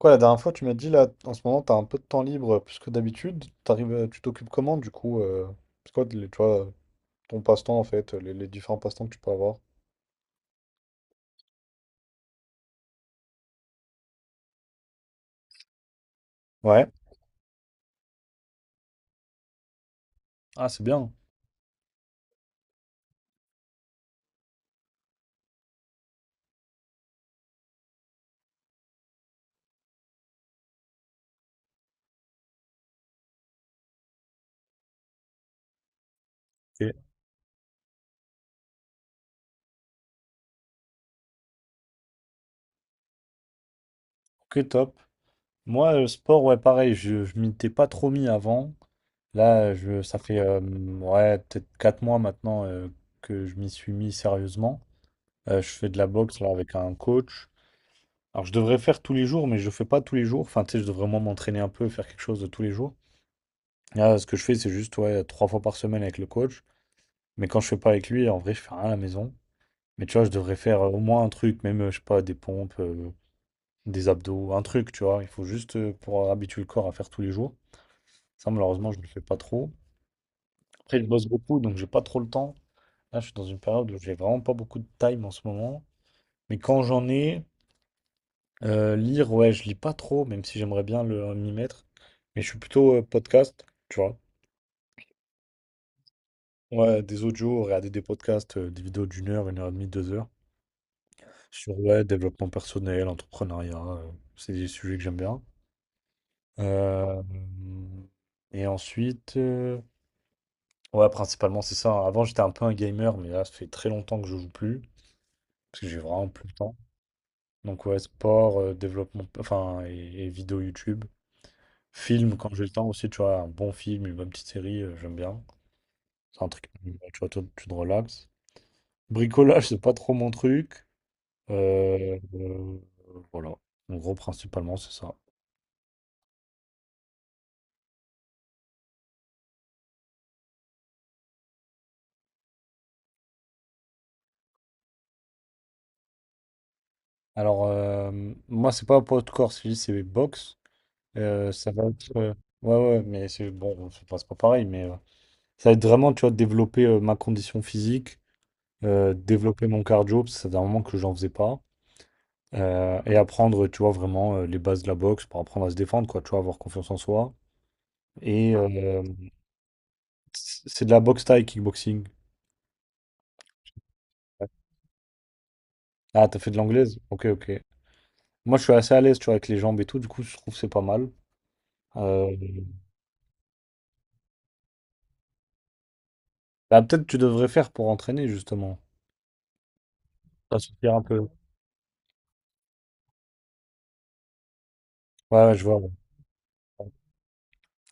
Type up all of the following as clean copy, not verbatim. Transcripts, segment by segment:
Quoi, la dernière fois, tu m'as dit là, en ce moment, t'as un peu de temps libre plus que d'habitude. Tu t'occupes comment du coup c'est quoi, tu vois, ton passe-temps en fait, les différents passe-temps que tu peux avoir? Ouais. Ah, c'est bien. Ok, ok, top. Moi, le sport, ouais, pareil, je m'y étais pas trop mis avant. Là, ça fait ouais, peut-être 4 mois maintenant que je m'y suis mis sérieusement. Je fais de la boxe là, avec un coach. Alors, je devrais faire tous les jours, mais je fais pas tous les jours. Enfin, tu sais, je devrais vraiment m'entraîner un peu, faire quelque chose de tous les jours. Ah, ce que je fais, c'est juste ouais, 3 fois par semaine avec le coach. Mais quand je fais pas avec lui, en vrai, je fais rien à la maison. Mais tu vois, je devrais faire au moins un truc, même, je sais pas, des pompes, des abdos, un truc, tu vois. Il faut juste pour habituer le corps à faire tous les jours. Ça, malheureusement, je ne le fais pas trop. Après, je bosse beaucoup, donc j'ai pas trop le temps. Là, je suis dans une période où j'ai vraiment pas beaucoup de time en ce moment. Mais quand j'en ai, lire, ouais, je lis pas trop, même si j'aimerais bien m'y mettre. Mais je suis plutôt podcast, tu vois. Ouais, des audios, regarder des podcasts, des vidéos d'une heure, une heure et demie, 2 heures. Sur ouais, développement personnel, entrepreneuriat, c'est des sujets que j'aime bien. Euh, et ensuite, euh, ouais, principalement c'est ça. Avant j'étais un peu un gamer, mais là ça fait très longtemps que je joue plus, parce que j'ai vraiment plus le temps. Donc ouais, sport, développement, enfin, et vidéo YouTube. Film, quand j'ai le temps aussi, tu vois, un bon film, une bonne petite série, j'aime bien. C'est un truc, tu vois, toi, tu te relaxes. Bricolage, c'est pas trop mon truc. Euh, euh, voilà. En gros, principalement, c'est ça. Alors, euh, moi, c'est pas poids de corps, c'est juste c'est box. Ça va être. Ouais, ouais, mais c'est bon, c'est pas pareil, mais ça va être vraiment, tu vois, développer ma condition physique, développer mon cardio, parce que ça fait un moment que j'en faisais pas. Et apprendre, tu vois, vraiment les bases de la boxe pour apprendre à se défendre, quoi, tu vois, avoir confiance en soi. Et euh, c'est de la boxe taille, kickboxing. Ah, t'as fait de l'anglaise? Ok, ok. Moi, je suis assez à l'aise, tu vois, avec les jambes et tout, du coup, je trouve que c'est pas mal. Euh, Bah, peut-être tu devrais faire pour entraîner, justement. Ça soutient un peu. Ouais, ouais, je vois. Ouais.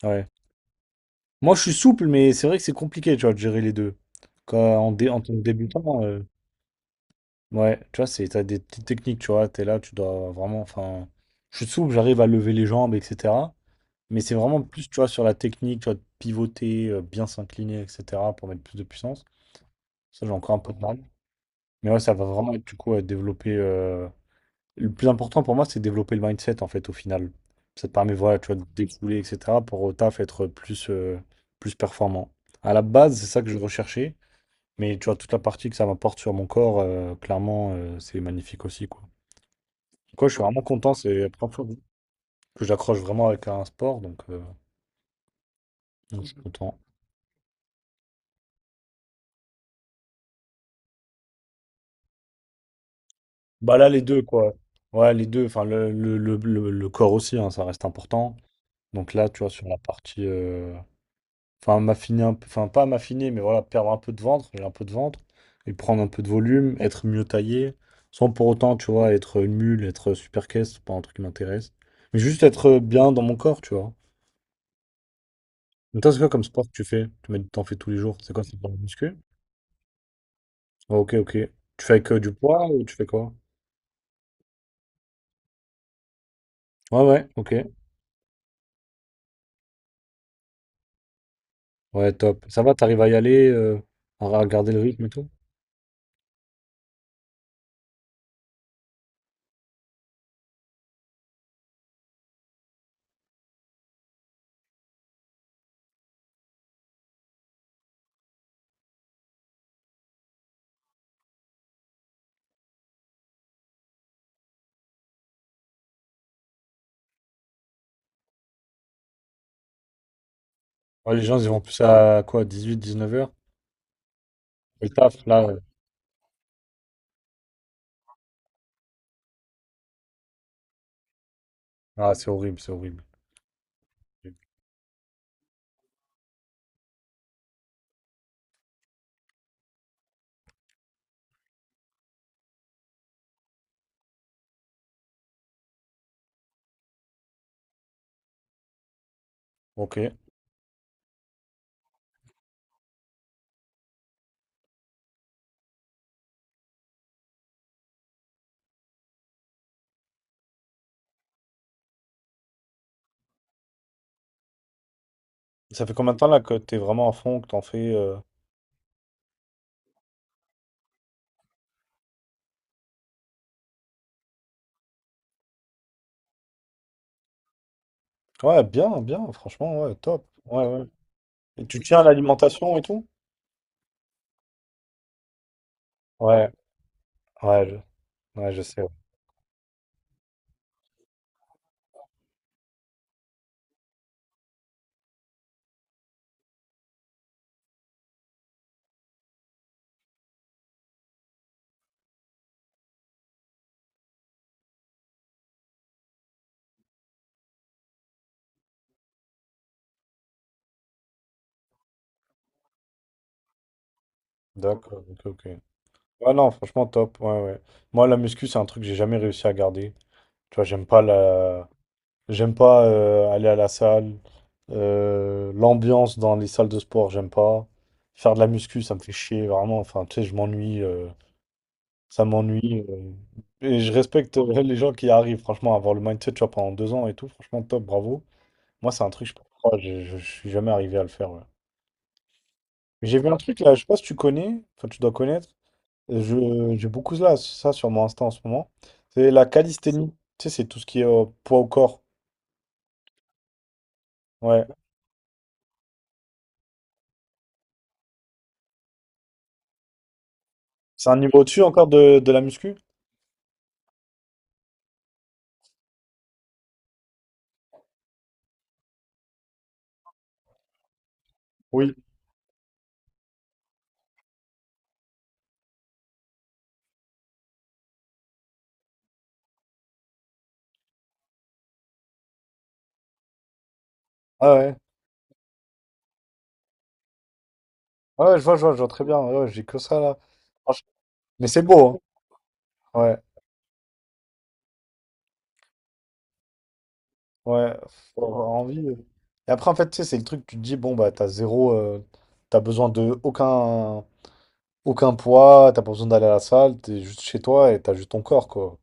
Ouais. Moi, je suis souple, mais c'est vrai que c'est compliqué, tu vois, de gérer les deux. En tant que débutant, ouais, tu vois, t'as des petites techniques, tu vois, t'es là, tu dois vraiment, enfin, je suis souple, j'arrive à lever les jambes, etc. Mais c'est vraiment plus, tu vois, sur la technique, tu vois, de pivoter, bien s'incliner, etc., pour mettre plus de puissance. Ça, j'ai encore un peu de mal. Mais ouais, ça va vraiment être, du coup, à développer le plus important pour moi, c'est de développer le mindset, en fait, au final. Ça te permet, voilà, tu vois, de découler, etc., pour au taf être plus, plus performant. À la base, c'est ça que je recherchais, mais tu vois, toute la partie que ça m'apporte sur mon corps, clairement, c'est magnifique aussi, quoi. Donc, ouais, je suis vraiment content, c'est la première fois que j'accroche vraiment avec un sport, donc je suis content. Bah là, les deux, quoi. Ouais, les deux, enfin, le corps aussi, hein, ça reste important. Donc là, tu vois, sur la partie, enfin, m'affiner un peu, enfin, pas m'affiner, mais voilà, perdre un peu de ventre, j'ai un peu de ventre, et prendre un peu de volume, être mieux taillé, sans pour autant, tu vois, être une mule, être super caisse, c'est pas un truc qui m'intéresse. Mais juste être bien dans mon corps, tu vois. Mais toi, c'est quoi comme sport que tu fais? Tu m'as dit que t'en fais tous les jours, c'est quoi, c'est pour le muscu? Oh, ok, ok. Tu fais avec du poids ou tu fais quoi? Ouais, ouais, ok. Ouais, top. Ça va, t'arrives à y aller, à garder le rythme et tout? Ouais, les gens, ils vont plus à quoi, 18, 19 heures? Et le taf, là, ah, c'est horrible, c'est horrible. Ok. Ça fait combien de temps là que t'es vraiment à fond, que t'en fais Ouais, bien, bien, franchement, ouais, top. Ouais, ouais. Et tu tiens à l'alimentation et tout? Ouais, ouais, ouais, je sais. Ouais. D'accord, ok, ok. Ouais, non, franchement, top. Ouais, ouais. Moi, la muscu, c'est un truc que j'ai jamais réussi à garder. Tu vois, j'aime pas. J'aime pas aller à la salle. L'ambiance dans les salles de sport, j'aime pas. Faire de la muscu, ça me fait chier, vraiment. Enfin, tu sais, je m'ennuie. Ça m'ennuie. Et je respecte les gens qui arrivent, franchement, à avoir le mindset, tu vois, pendant 2 ans et tout. Franchement, top, bravo. Moi, c'est un truc, je sais pas pourquoi, je suis jamais arrivé à le faire. Ouais. Mais j'ai vu un truc là, je sais pas si tu connais, enfin, tu dois connaître. J'ai beaucoup là, ça sur mon Insta en ce moment. C'est la calisthénie. Tu sais, c'est tout ce qui est poids au corps. Ouais. C'est un niveau au-dessus encore de la muscu? Oui. Ah ouais. Ouais, je vois, je vois, je vois très bien. Ouais, ouais, j'ai que ça là. Franchement, mais c'est beau, hein. Ouais. Ouais, faut avoir envie. Et après, en fait, tu sais, c'est le truc, tu te dis, bon, bah, t'as zéro, t'as besoin de aucun poids, t'as pas besoin d'aller à la salle, t'es juste chez toi et t'as juste ton corps, quoi.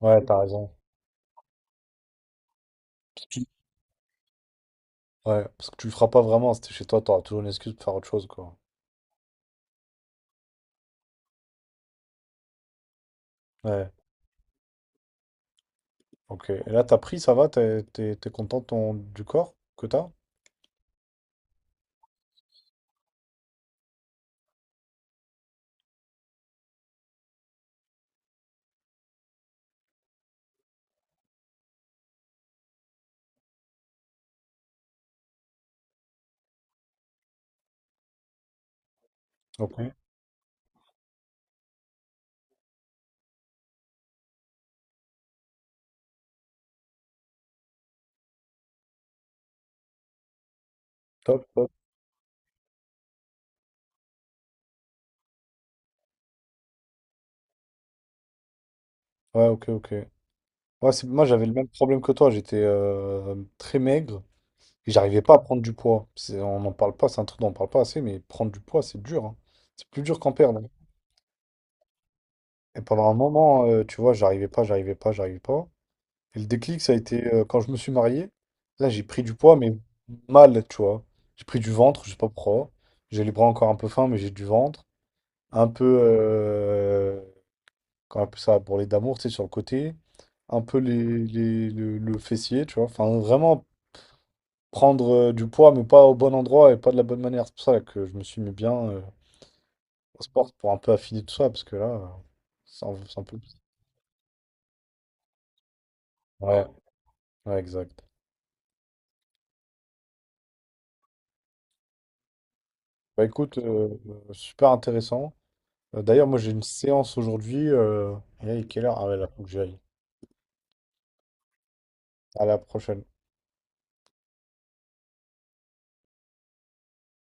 Ouais, t'as raison. Tu- Ouais, parce que tu le feras pas vraiment, si t'es chez toi, t'auras toujours une excuse pour faire autre chose, quoi. Ouais, ok. Et là, t'as pris, ça va, t'es content de du corps que t'as? Ok, top, top. Ouais, ok, ok. Ouais, moi, j'avais le même problème que toi, j'étais très maigre. Et j'arrivais pas à prendre du poids. On n'en parle pas, c'est un truc dont on parle pas assez, mais prendre du poids, c'est dur. Hein. C'est plus dur qu'en perdre. Et pendant un moment, tu vois, j'arrivais pas, j'arrivais pas, j'arrivais pas. Et le déclic, ça a été quand je me suis marié. Là, j'ai pris du poids, mais mal, tu vois. J'ai pris du ventre, je sais pas pourquoi. J'ai les bras encore un peu fins, mais j'ai du ventre. Un peu, comment on appelle ça, bourrelet d'amour, tu sais, sur le côté. Un peu le fessier, tu vois. Enfin, vraiment prendre du poids, mais pas au bon endroit et pas de la bonne manière. C'est pour ça que je me suis mis bien au sport pour un peu affiner tout ça, parce que là, c'est un peu... Ouais, ouais, exact. Bah écoute, super intéressant. D'ailleurs, moi j'ai une séance aujourd'hui. Et là, il est quelle heure? Ah ouais, là, faut que j'y aille. À la prochaine.